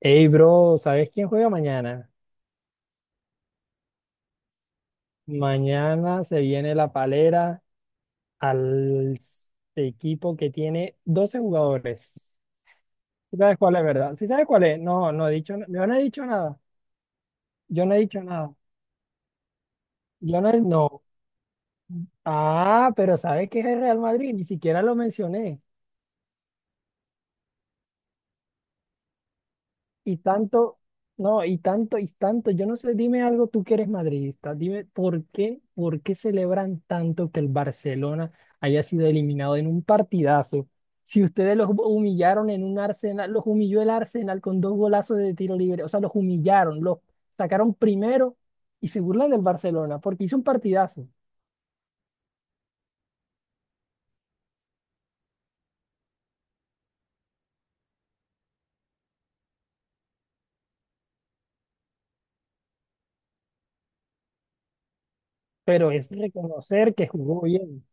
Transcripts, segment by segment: Hey, bro, ¿sabes quién juega mañana? Mañana se viene la palera al equipo que tiene 12 jugadores. ¿Sí sabes cuál es, verdad? ¿Sí sabes cuál es? No, no he dicho, yo no he dicho nada. Yo no he dicho nada. Yo no, no. Ah, pero ¿sabes qué es el Real Madrid? Ni siquiera lo mencioné. Y tanto, no, y tanto, yo no sé, dime algo tú que eres madridista, dime por qué celebran tanto que el Barcelona haya sido eliminado en un partidazo. Si ustedes los humillaron en un Arsenal, los humilló el Arsenal con dos golazos de tiro libre, o sea, los humillaron, los sacaron primero y se burlan del Barcelona porque hizo un partidazo, pero es reconocer que jugó bien.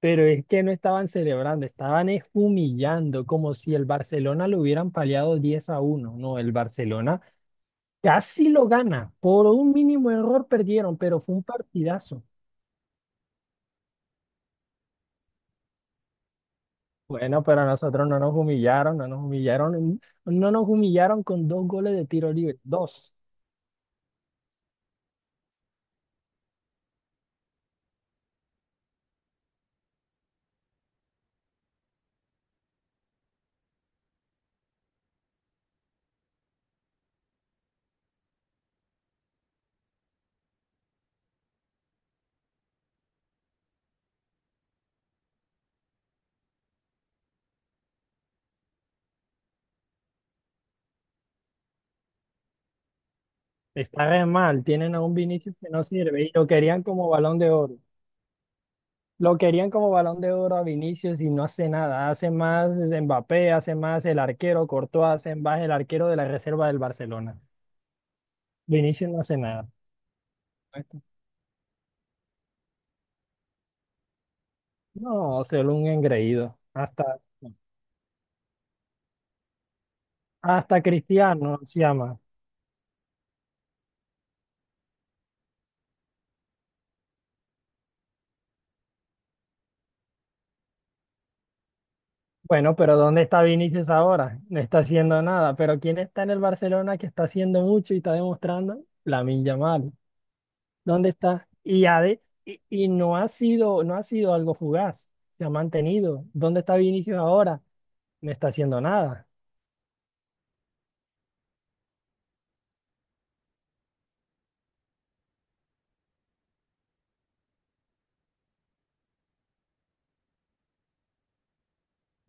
Pero es que no estaban celebrando, estaban es humillando, como si el Barcelona lo hubieran paliado 10 a uno. No, el Barcelona casi lo gana. Por un mínimo error perdieron, pero fue un partidazo. Bueno, pero a nosotros no nos humillaron con dos goles de tiro libre. Dos. Está re mal, tienen a un Vinicius que no sirve y lo querían como balón de oro. Lo querían como balón de oro a Vinicius y no hace nada. Hace más Mbappé, hace más el arquero Courtois, hace más el arquero de la reserva del Barcelona. Vinicius no hace nada. No, solo un engreído. Hasta Cristiano se llama. Bueno, pero ¿dónde está Vinicius ahora? No está haciendo nada. Pero ¿quién está en el Barcelona que está haciendo mucho y está demostrando? Lamine Yamal. ¿Dónde está? Y, no ha sido algo fugaz. Se ha mantenido. ¿Dónde está Vinicius ahora? No está haciendo nada.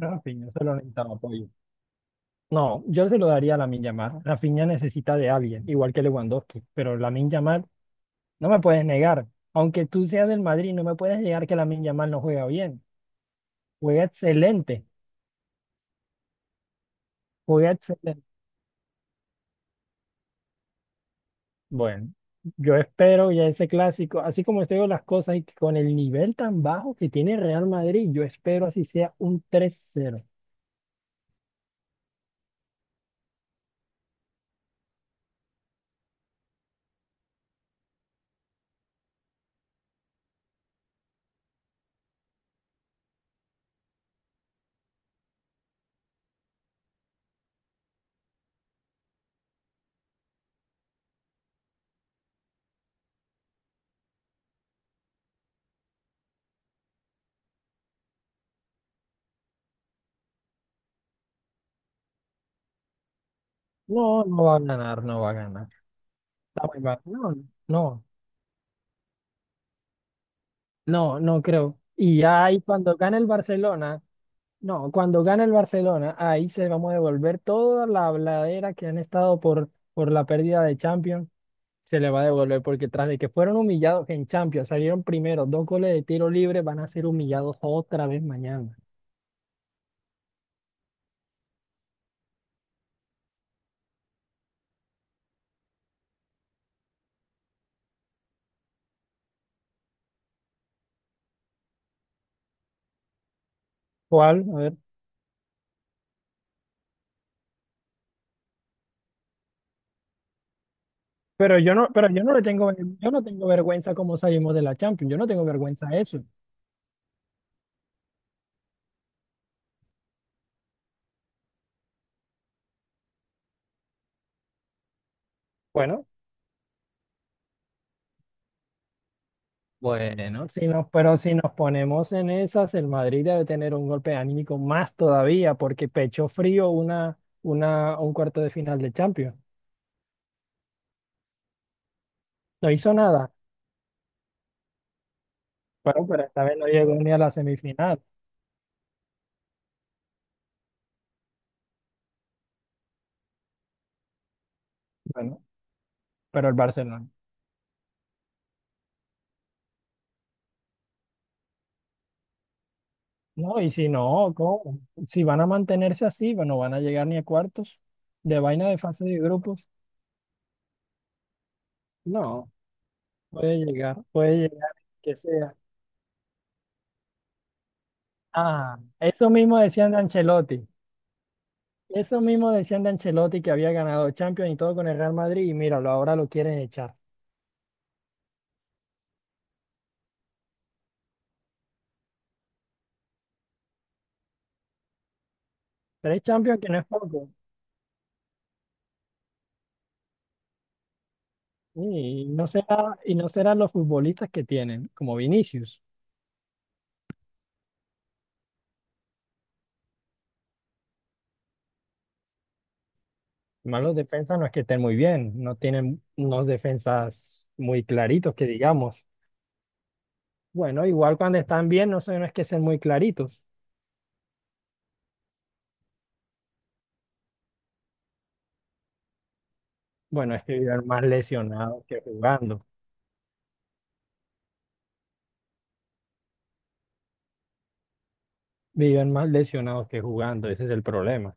Rafinha solo necesitaba apoyo. No, yo se lo daría a Lamine Yamal. Rafinha necesita de alguien, igual que Lewandowski, pero Lamine Yamal no me puedes negar. Aunque tú seas del Madrid, no me puedes negar que Lamine Yamal no juega bien. Juega excelente, juega excelente. Bueno, yo espero ya ese clásico, así como estoy viendo las cosas y que con el nivel tan bajo que tiene Real Madrid, yo espero así sea un tres cero. No, no va a ganar, no va a ganar. Está muy mal. No, no, no. No, no creo. Y ya ahí cuando gane el Barcelona, no, cuando gane el Barcelona, ahí se vamos a devolver toda la habladera que han estado por, la pérdida de Champions, se le va a devolver porque tras de que fueron humillados en Champions, salieron primero dos goles de tiro libre, van a ser humillados otra vez mañana. ¿Cuál? A ver. Pero yo no le tengo, yo no tengo vergüenza como salimos de la Champions, yo no tengo vergüenza de eso. Bueno. Bueno, si nos, pero si nos ponemos en esas, el Madrid debe tener un golpe anímico más todavía, porque pechó frío un cuarto de final de Champions. No hizo nada. Pero esta vez no llegó ni a la semifinal. Bueno, pero el Barcelona. No, y si no, ¿cómo? Si van a mantenerse así, bueno, van a llegar ni a cuartos de vaina de fase de grupos. No, puede llegar, que sea. Ah, eso mismo decían de Ancelotti. Eso mismo decían de Ancelotti que había ganado Champions y todo con el Real Madrid y míralo, ahora lo quieren echar. Tres Champions que no es poco. Y no serán los futbolistas que tienen, como Vinicius. Además, los defensas no es que estén muy bien, no tienen unos defensas muy claritos que digamos. Bueno, igual cuando están bien, no sé, no es que sean muy claritos. Bueno, es que viven más lesionados que jugando. Viven más lesionados que jugando, ese es el problema.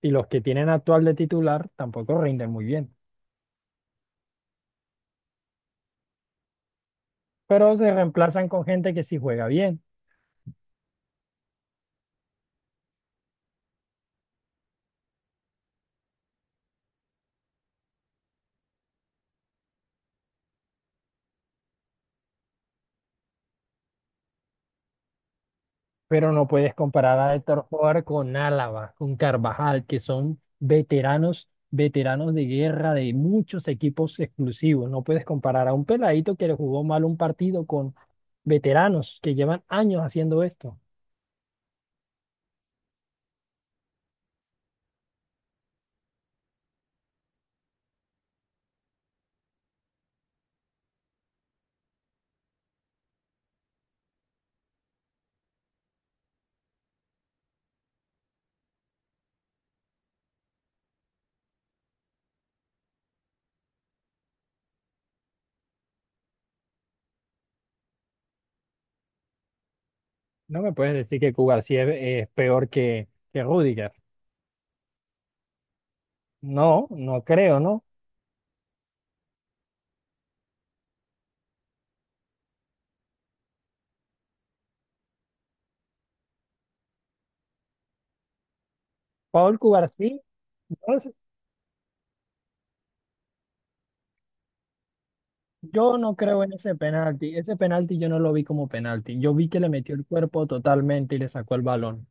Y los que tienen actual de titular tampoco rinden muy bien. Pero se reemplazan con gente que sí juega bien. Pero no puedes comparar a Héctor Jugar con Álava, con Carvajal, que son veteranos, veteranos de guerra de muchos equipos exclusivos. No puedes comparar a un peladito que le jugó mal un partido con veteranos que llevan años haciendo esto. No me puedes decir que Cubarsí es peor que Rüdiger. No, no creo, ¿no? Paul Cubarsí, no. Yo no creo en ese penalti. Ese penalti yo no lo vi como penalti. Yo vi que le metió el cuerpo totalmente y le sacó el balón.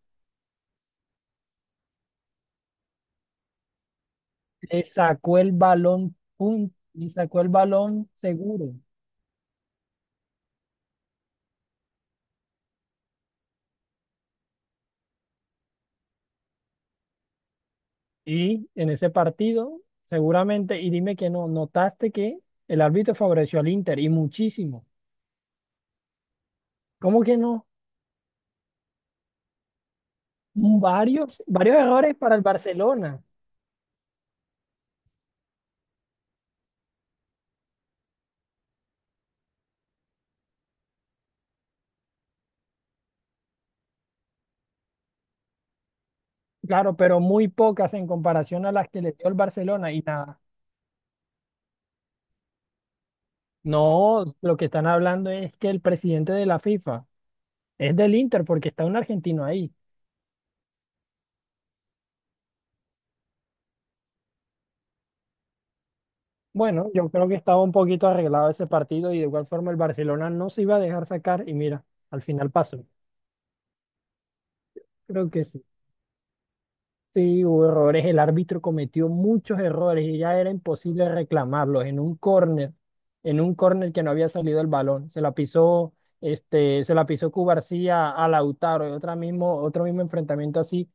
Le sacó el balón, y sacó el balón seguro. Y en ese partido, seguramente, y dime que no, notaste que el árbitro favoreció al Inter y muchísimo. ¿Cómo que no? Varios, varios errores para el Barcelona. Claro, pero muy pocas en comparación a las que le dio el Barcelona y nada. No, lo que están hablando es que el presidente de la FIFA es del Inter porque está un argentino ahí. Bueno, yo creo que estaba un poquito arreglado ese partido y de igual forma el Barcelona no se iba a dejar sacar y mira, al final pasó. Creo que sí. Sí, hubo errores, el árbitro cometió muchos errores y ya era imposible reclamarlos en un córner que no había salido el balón. Se la pisó Cubarsía a Lautaro y otra mismo, otro mismo enfrentamiento así.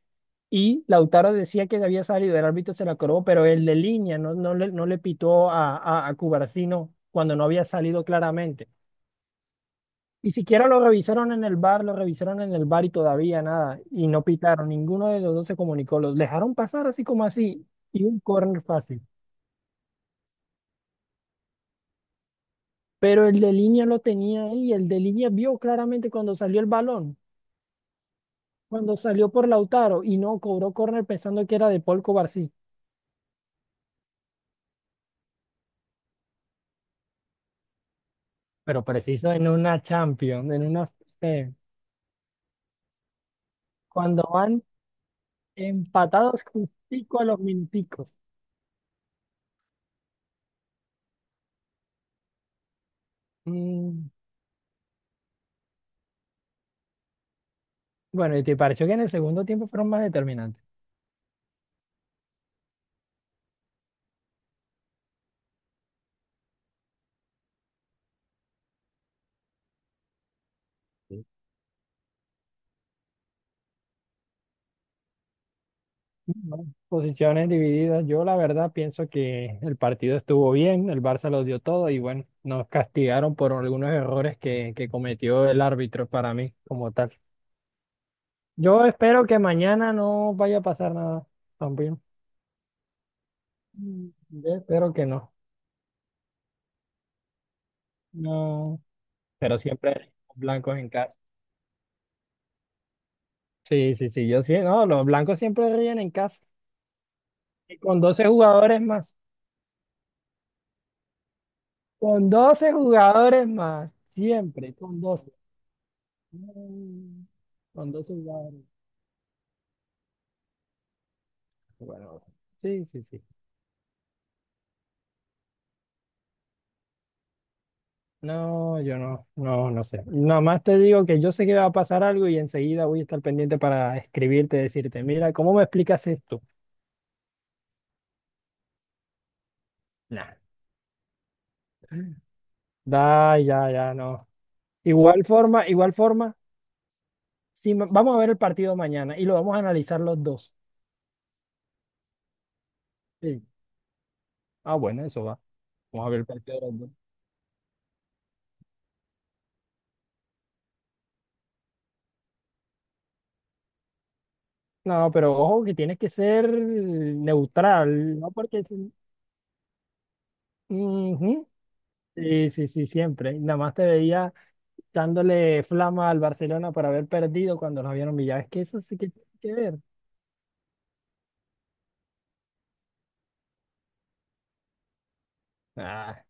Y Lautaro decía que había salido, el árbitro se la cobró, pero el de línea no, no le pitó a, Cubarsino cuando no había salido claramente. Y siquiera lo revisaron en el bar, lo revisaron en el bar y todavía nada. Y no pitaron, ninguno de los dos se comunicó. Los dejaron pasar así como así. Y un córner fácil. Pero el de línea lo tenía ahí. El de línea vio claramente cuando salió el balón, cuando salió por Lautaro y no cobró córner pensando que era de Paul Cubarsí. Pero preciso en una Champions, eh, cuando van empatados justico a los minuticos. Mm, Bueno, ¿y te pareció que en el segundo tiempo fueron más determinantes? No, posiciones divididas. Yo la verdad pienso que el partido estuvo bien, el Barça lo dio todo y bueno, nos castigaron por algunos errores que cometió el árbitro para mí como tal. Yo espero que mañana no vaya a pasar nada también. Yo espero que no. No, pero siempre blancos en casa. Sí, sí, sí, yo sí, no, los blancos siempre ríen en casa. Y con 12 jugadores más. Con 12 jugadores más. Siempre, Mm, Con 12 jugadores. Bueno, sí, sí, sí. No, yo no, no, no sé. Nada más te digo que yo sé que va a pasar algo y enseguida voy a estar pendiente para escribirte, decirte, mira, ¿cómo me explicas esto? Nah. Da, ya, ya, no. Igual forma, si ma- vamos a ver el partido mañana y lo vamos a analizar los dos. Sí. Ah, bueno, eso va. Vamos a ver el partido. No, pero ojo que tienes que ser neutral, ¿no? Porque ujú. Sí, sí, sí, siempre. Nada más te veía dándole flama al Barcelona por haber perdido cuando nos vieron Villar. Es que eso sí que tiene que ver. Ah,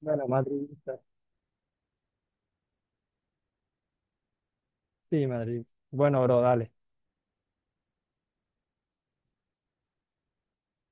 bueno, madridista. Sí, Madrid. Bueno, bro, dale.